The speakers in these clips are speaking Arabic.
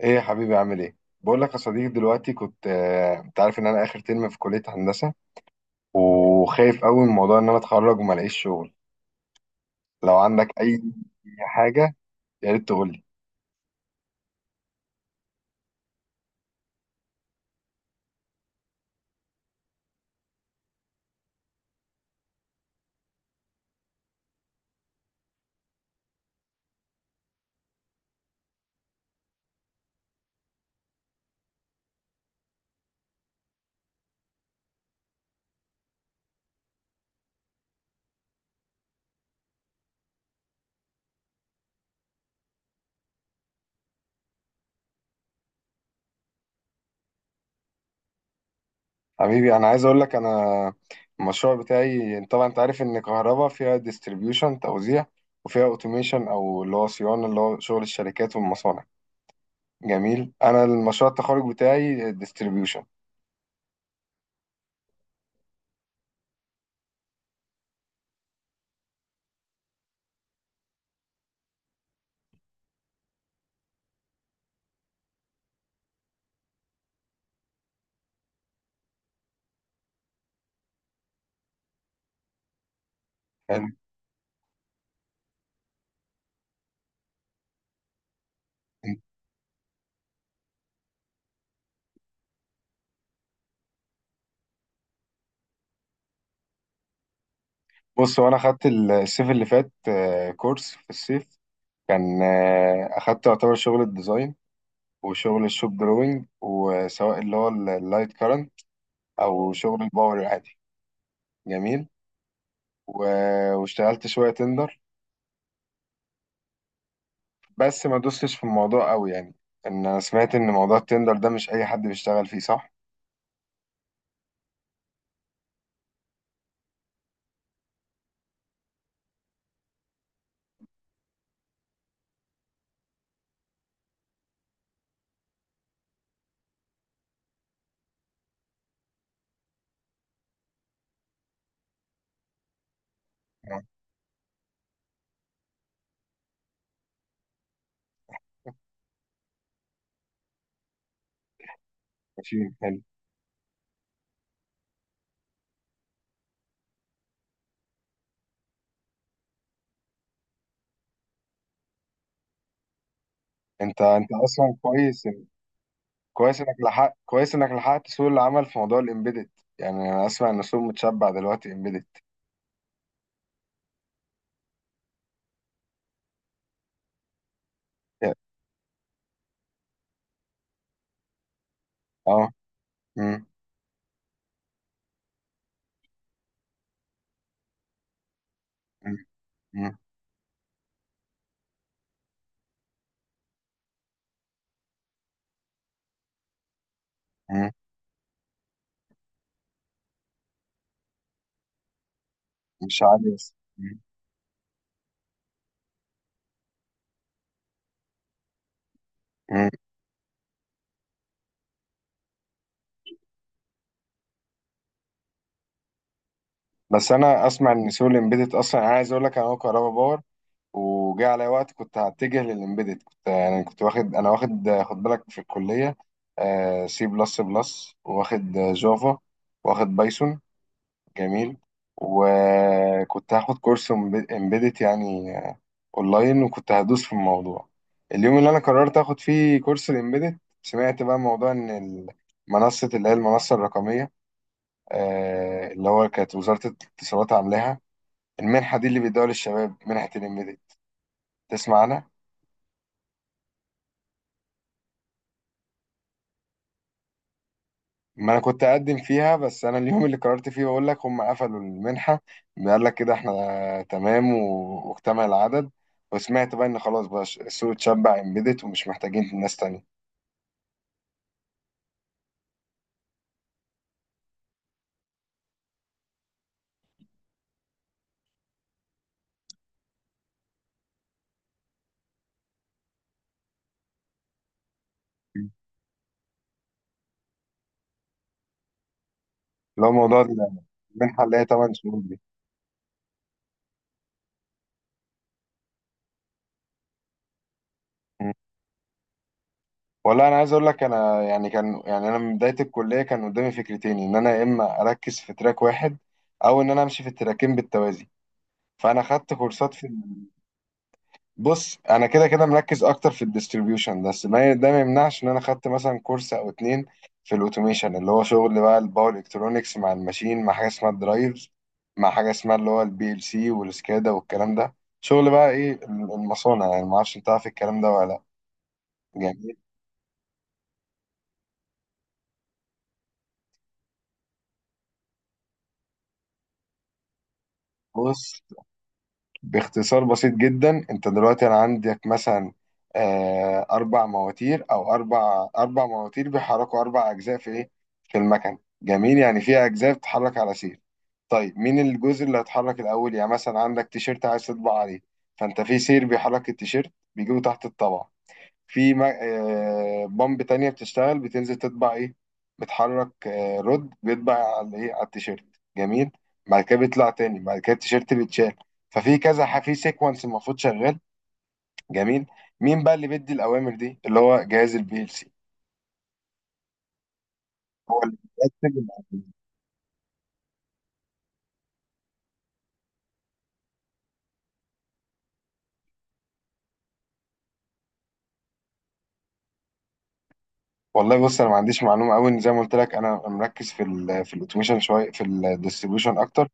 ايه يا حبيبي؟ عامل ايه؟ بقول لك يا صديقي، دلوقتي كنت، انت عارف ان انا اخر ترم في كلية هندسة، وخايف قوي من موضوع ان انا اتخرج وما الاقيش شغل. لو عندك اي حاجة يا ريت تقول لي. حبيبي، انا عايز اقول لك، انا المشروع بتاعي طبعا انت عارف ان كهربا فيها ديستريبيوشن توزيع، وفيها اوتوميشن او اللي هو صيانة، اللي هو شغل الشركات والمصانع. جميل. انا المشروع التخرج بتاعي ديستريبيوشن. بص، وانا خدت الصيف اللي فات كورس في الصيف، كان اخدت يعتبر شغل الديزاين وشغل الشوب دروينج، وسواء اللي هو اللايت كارنت او شغل الباور العادي. جميل. و- واشتغلت شويه تندر، بس ما دوستش في الموضوع قوي يعني. ان انا سمعت ان موضوع التندر ده مش اي حد بيشتغل فيه، صح؟ نعم. ماشي، حلو. انت اصلا كويس. كويس انك لحقت سوق العمل في موضوع الامبيدد. يعني انا اسمع ان السوق متشبع دلوقتي امبيدد. اه. مم. مم. مم. مم. مش عارف. بس انا اسمع ان سوق الامبيدد اصلا، انا عايز اقول لك، انا هو كهربا باور. وجاء عليا وقت كنت هتجه للامبيدد، كنت يعني كنت واخد، انا واخد، خد بالك في الكليه سي بلس بلس، واخد جافا، واخد بايثون. جميل. وكنت هاخد كورس امبيدد يعني اونلاين، وكنت هدوس في الموضوع. اليوم اللي انا قررت اخد فيه كورس الامبيدد، سمعت بقى موضوع ان منصه، اللي هي المنصه الرقميه، اللي هو كانت وزاره الاتصالات عاملاها، المنحة دي اللي بيدوها للشباب، منحة الإمبيدد. تسمع عنها؟ ما أنا كنت أقدم فيها، بس أنا اليوم اللي قررت فيه بقول لك هم قفلوا المنحة. قال لك كده، إحنا تمام، و- واكتمل العدد. وسمعت بقى إن خلاص بقى السوق اتشبع إمبيدد، ومش محتاجين ناس تانية. اللي هو موضوع المنحة اللي هي 8 شهور دي. مم. والله أنا عايز أقول لك، أنا يعني، كان يعني أنا من بداية الكلية كان قدامي فكرتين، إن أنا يا إما أركز في تراك واحد، أو إن أنا أمشي في التراكين بالتوازي. فأنا خدت كورسات في... بص، انا كده كده مركز اكتر في الديستريبيوشن، بس ما ده ما يمنعش ان انا خدت مثلا كورس او اتنين في الاوتوميشن، اللي هو شغل بقى الباور الكترونكس مع الماشين، مع حاجه اسمها الدرايفز، مع حاجه اسمها اللي هو البي ال سي والسكادا والكلام ده. شغل بقى ايه المصانع يعني. ما اعرفش، انت عارف الكلام ده ولا لا؟ جميل. بص، باختصار بسيط جدا، انت دلوقتي انا عندك مثلا اربع مواتير، او اربع مواتير بيحركوا اربع اجزاء في ايه، في المكن. جميل. يعني في اجزاء بتتحرك على سير. طيب مين الجزء اللي هيتحرك الأول؟ يعني مثلا عندك تيشيرت عايز تطبع عليه، فأنت في سير بيحرك التيشيرت، بيجيبه تحت الطبعة. في بامب تانية بتشتغل بتنزل تطبع إيه، بتحرك رد بيطبع على إيه، على التيشيرت. جميل. بعد كده بيطلع تاني، بعد كده التيشيرت بيتشال. ففي كذا في سيكونس المفروض شغال. جميل. مين بقى اللي بيدي الأوامر دي؟ اللي هو جهاز البي ال سي. هو اللي بيرتب. والله بص، انا ما عنديش معلومه قوي، ان زي ما قلت لك انا مركز في ال في الاوتوميشن شويه، في الديستريبيوشن اكتر.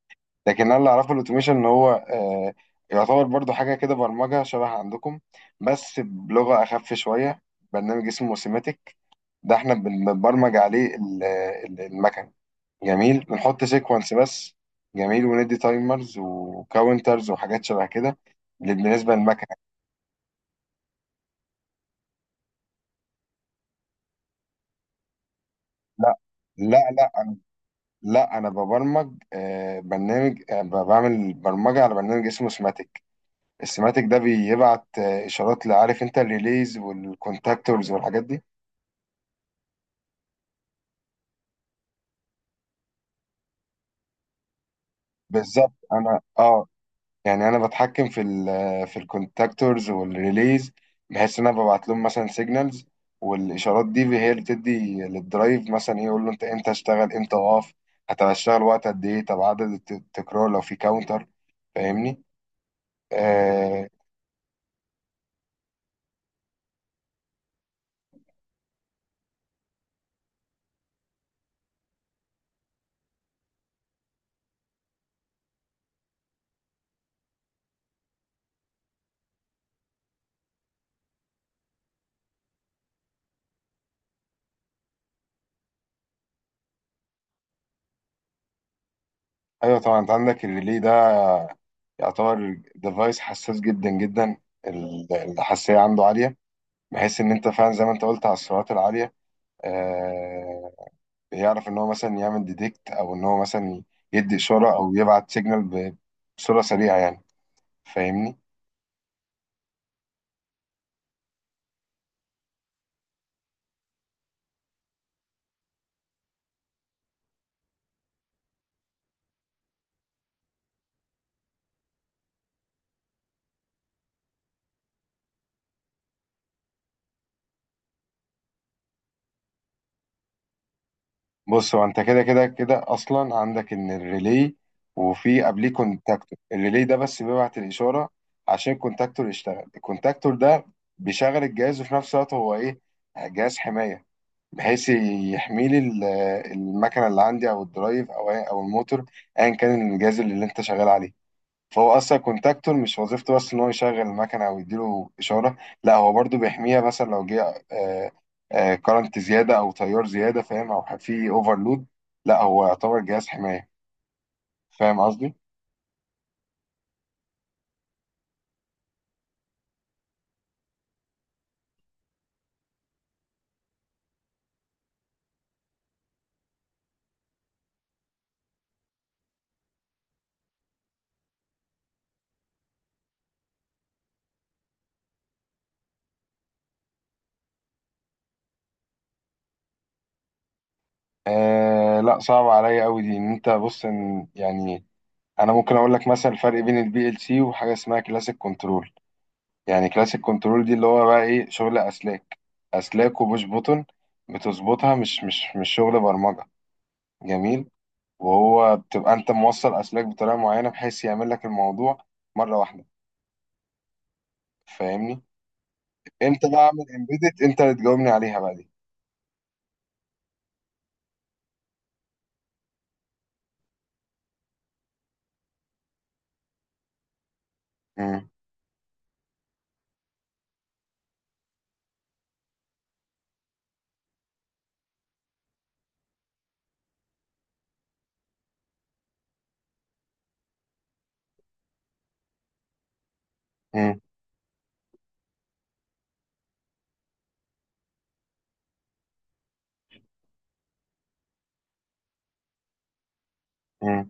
لكن انا اللي اعرفه الاوتوميشن ان هو يعتبر برضو حاجه كده برمجه شبه عندكم، بس بلغه اخف شويه. برنامج اسمه سيماتيك. ده احنا بنبرمج عليه المكن. جميل. بنحط سيكونس بس. جميل. وندي تايمرز وكاونترز وحاجات شبه كده بالنسبه للمكنه. لا لا لا، انا ببرمج برنامج، بعمل برمجه على برنامج اسمه سماتيك. السماتيك ده بيبعت اشارات، لعارف انت الريليز والكونتاكتورز والحاجات دي. بالظبط. انا يعني انا بتحكم في ال في الكونتاكتورز والريليز، بحيث ان انا ببعت لهم مثلا سيجنالز، والاشارات دي هي اللي بتدي للدرايف مثلا ايه، يقول له انت امتى اشتغل، امتى اقف، هتشتغل وقت قد ايه، طب عدد التكرار لو في كاونتر. فاهمني؟ آه. ايوه طبعا، انت عندك الريلي ده يعتبر ديفايس حساس جدا جدا. الحساسية عنده عالية، بحيث إن أنت فعلا زي ما أنت قلت على السرعات العالية، آه، بيعرف إن هو مثلا يعمل ديتكت، أو إن هو مثلا يدي إشارة أو يبعت سيجنال بصورة سريعة يعني. فاهمني؟ بص، هو أنت كده كده كده أصلا عندك إن الريلي، وفي قبليه كونتاكتور، الريلي ده بس بيبعت الإشارة عشان الكونتاكتور يشتغل. الكونتاكتور ده بيشغل الجهاز، وفي نفس الوقت هو إيه؟ جهاز حماية. بحيث يحمي لي المكنه اللي عندي، او الدرايف، او او الموتور، ايا كان الجهاز اللي انت شغال عليه. فهو اصلا كونتاكتور مش وظيفته بس ان هو يشغل المكنه او يديله اشاره، لا هو برضو بيحميها، مثلا لو جه كارنت زياده او تيار زياده، فاهم، او في اوفرلود. لا هو يعتبر جهاز حمايه. فاهم قصدي؟ آه لا، صعب عليا قوي دي. ان انت بص، إن يعني انا ممكن اقول لك مثلا الفرق بين البي ال سي وحاجه اسمها كلاسيك كنترول. يعني كلاسيك كنترول دي اللي هو بقى ايه شغل اسلاك، اسلاك وبوش بوتون بتظبطها، مش شغل برمجه. جميل. وهو بتبقى انت موصل اسلاك بطريقه معينه، بحيث يعمل لك الموضوع مره واحده. فاهمني؟ امتى بقى اعمل امبيدت، انت اللي تجاوبني عليها بقى دي. مم. مم. مم.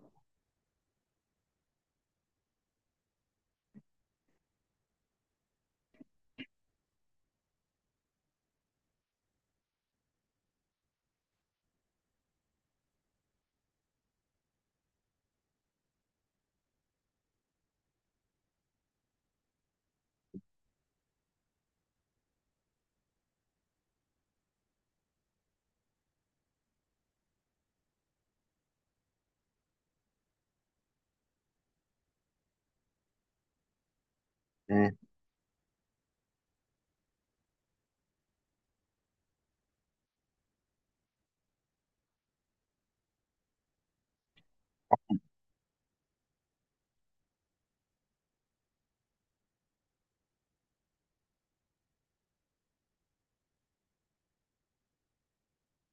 مم.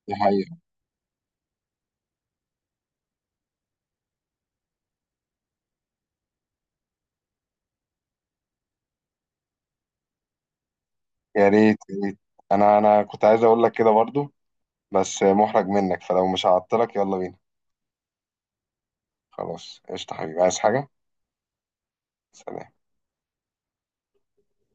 دي حقيقه. يا ريت يا ريت. انا كنت عايز اقول لك كده برضو، بس محرج منك. فلو مش هعطلك، يلا بينا. خلاص قشطه حبيبي، عايز حاجه؟ سلام.